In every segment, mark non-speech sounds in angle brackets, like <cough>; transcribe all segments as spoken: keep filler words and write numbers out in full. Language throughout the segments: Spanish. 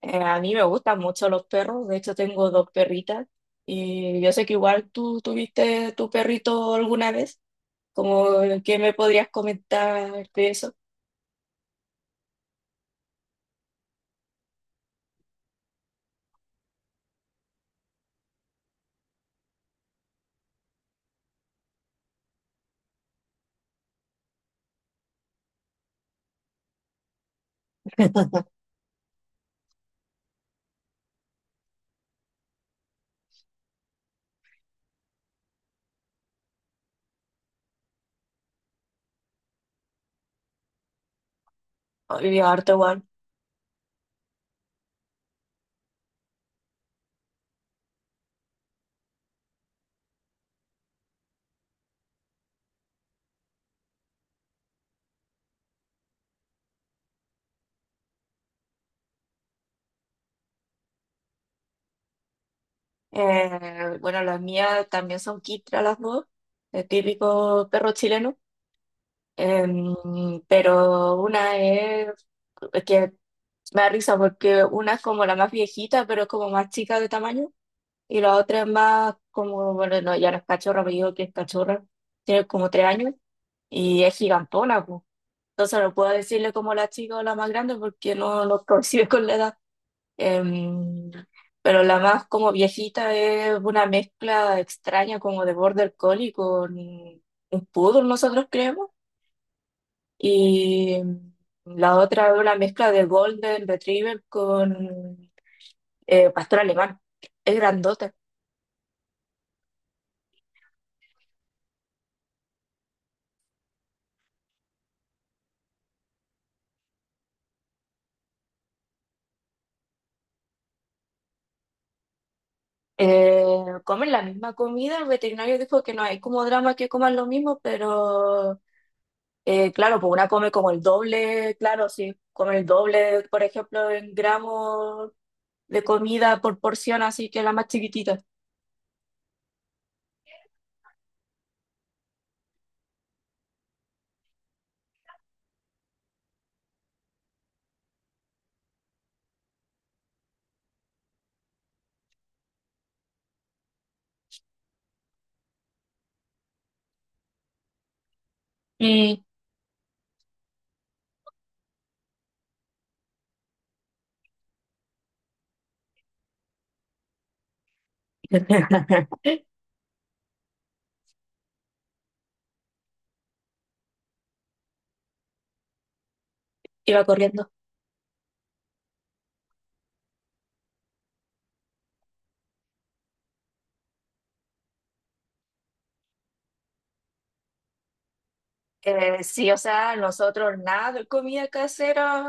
Eh, a mí me gustan mucho los perros, de hecho tengo dos perritas y yo sé que igual tú tuviste tu perrito alguna vez, como eh, qué me podrías comentar de eso. Y harto igual. Eh, bueno, las mías también son quistras las dos, el típico perro chileno. Em, pero una es, es que me da risa porque una es como la más viejita, pero es como más chica de tamaño. Y la otra es más como, bueno, no, ya no es cachorra, pero digo que es cachorra. Tiene como tres años y es gigantona, pues. Entonces no puedo decirle como la chica o la más grande porque no, no <laughs> coincide con la edad. Em, pero la más como viejita es una mezcla extraña como de border collie con un poodle, nosotros creemos. Y la otra es una mezcla de golden retriever con eh, pastor alemán. Es grandota. Eh, Comen la misma comida, el veterinario dijo que no hay como drama que coman lo mismo, pero eh, claro, pues una come como el doble, claro, si come el doble, por ejemplo, en gramos de comida por porción, así que la más chiquitita. Y <laughs> iba corriendo. Eh, sí, o sea, nosotros nada de comida casera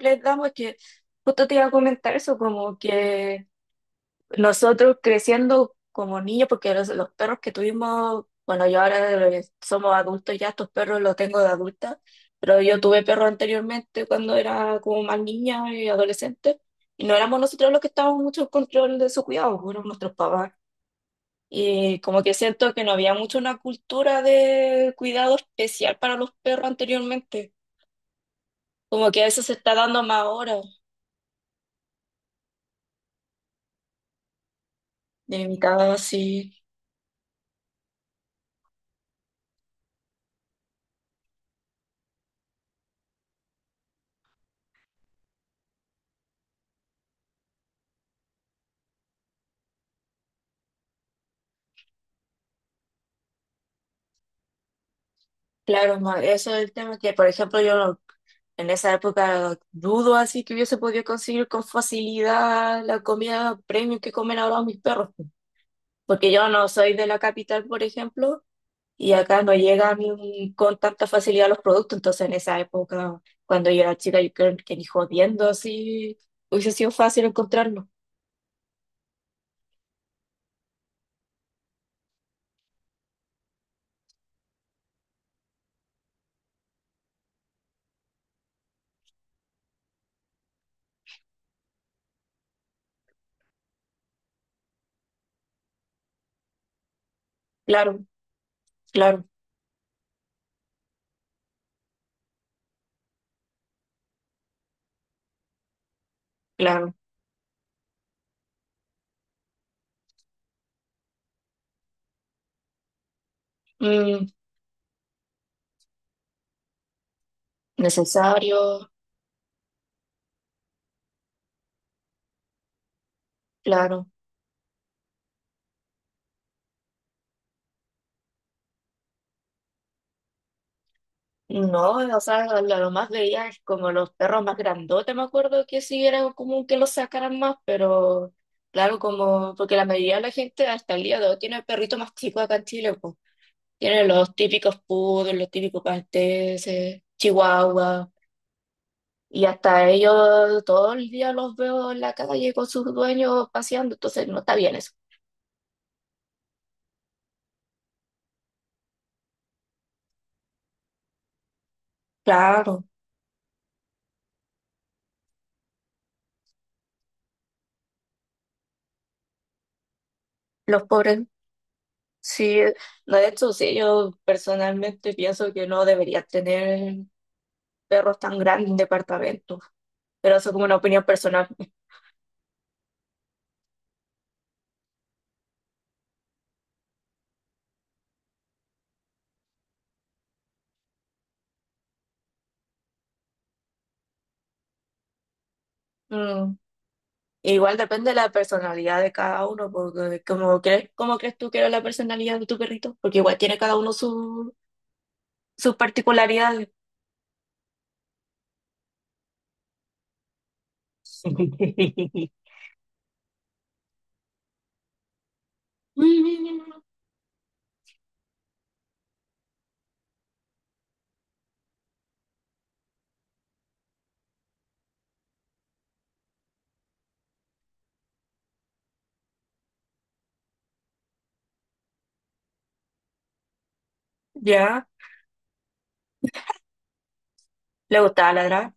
les damos, es que justo te iba a comentar eso, como que nosotros creciendo como niños, porque los, los perros que tuvimos, bueno, yo ahora eh, somos adultos ya, estos perros los tengo de adulta, pero yo tuve perros anteriormente cuando era como más niña y adolescente, y no éramos nosotros los que estábamos mucho en control de su cuidado, fueron nuestros papás. Y como que siento que no había mucho una cultura de cuidado especial para los perros anteriormente, como que eso se está dando más ahora, de mi casa, sí. Claro, ma, eso es el tema que, por ejemplo, yo no- en esa época dudo así que hubiese podido conseguir con facilidad la comida premium que comen ahora mis perros, po. Porque yo no soy de la capital, por ejemplo, y acá no llegan con tanta facilidad los productos, entonces en esa época, cuando yo era chica, yo creo que ni jodiendo así hubiese sido fácil encontrarlo. Claro, claro, claro. Mm, necesario, claro. No, o sea, lo, lo más veía es como los perros más grandotes, me acuerdo que sí era común que los sacaran más, pero claro, como porque la mayoría de la gente hasta el día de hoy tiene perritos más chicos acá en Chile, pues. Tienen los típicos poodles, los típicos malteses, chihuahuas, y hasta ellos todo el día los veo en la calle con sus dueños paseando, entonces no está bien eso. Claro, los pobres, sí, no, de hecho, sí, yo personalmente pienso que no debería tener perros tan grandes en departamentos, pero eso es como una opinión personal. Mm, igual depende de la personalidad de cada uno, porque como crees, ¿cómo crees tú que era la personalidad de tu perrito? Porque igual tiene cada uno su- sus particularidades. <laughs> Ya, le gustaba ladrar.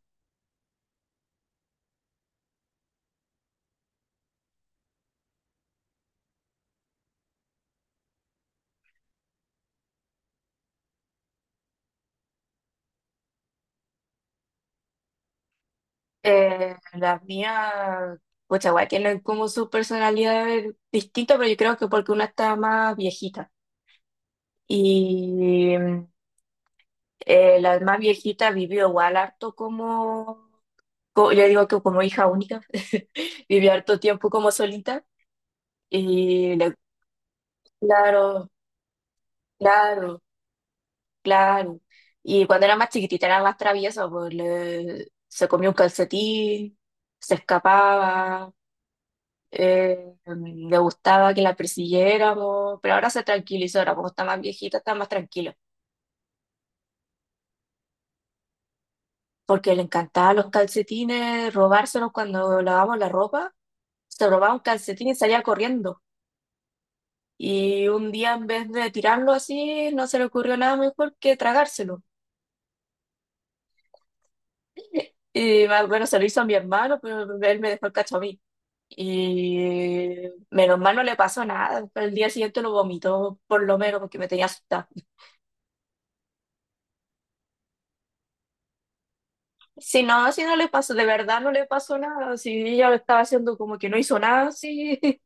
Eh, las mías, pues igual tienen como sus personalidades distintas, pero yo creo que porque una está más viejita. Y eh, la más viejita vivió igual harto como co- yo digo que como hija única, <laughs> viví harto tiempo como solita y le- claro, claro, claro. Y cuando era más chiquitita era más traviesa, pues le- se comía un calcetín, se escapaba, eh, le gustaba que la persiguiéramos, pero ahora se tranquilizó, ahora como está más viejita está más tranquila, porque le encantaban los calcetines, robárselos cuando lavábamos la ropa, se robaba un calcetín y salía corriendo. Y un día en vez de tirarlo así, no se le ocurrió nada mejor que tragárselo. Y más bueno, se lo hizo a mi hermano, pero él me dejó el cacho a mí. Y menos mal no le pasó nada. El día siguiente lo vomitó, por lo menos, porque me tenía asustada. Si no, si no le pasó, de verdad no le pasó nada. Si ella lo estaba haciendo como que no hizo nada, sí. <laughs>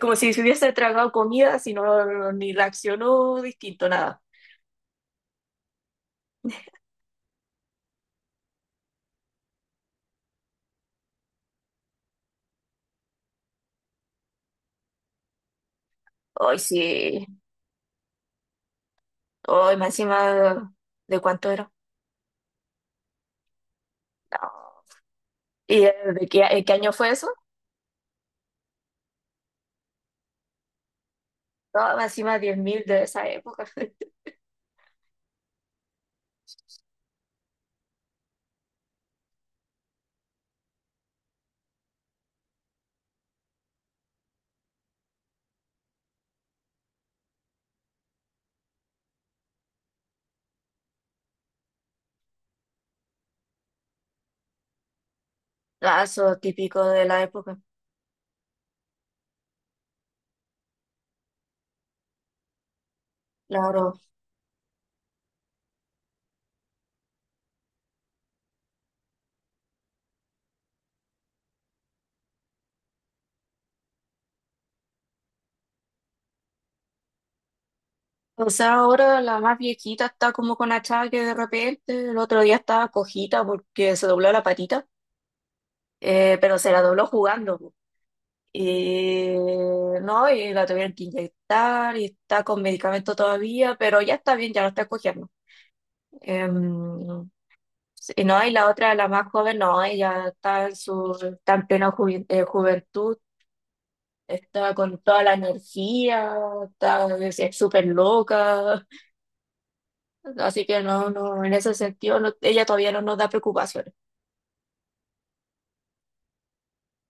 Como si se hubiese tragado comida, si no, ni reaccionó distinto, nada. Hoy sí. Hoy, más encima, ¿de cuánto era? No. ¿Y eh, de qué, eh, qué año fue eso? No, encima diez mil de esa época. <laughs> Lazo típico de la época, claro. O sea, ahora la más viejita está como con achaque de repente. El otro día estaba cojita porque se dobló la patita, eh, pero se la dobló jugando, po. Y no, y la tuvieron que inyectar y está con medicamento todavía, pero ya está bien, ya no está cogiendo. Em, y no, y la otra, la más joven, no, ella está en su, está en plena juven- eh, juventud. Está con toda la energía, está, es es súper loca, así que no, no, en ese sentido no- ella todavía no nos da preocupaciones.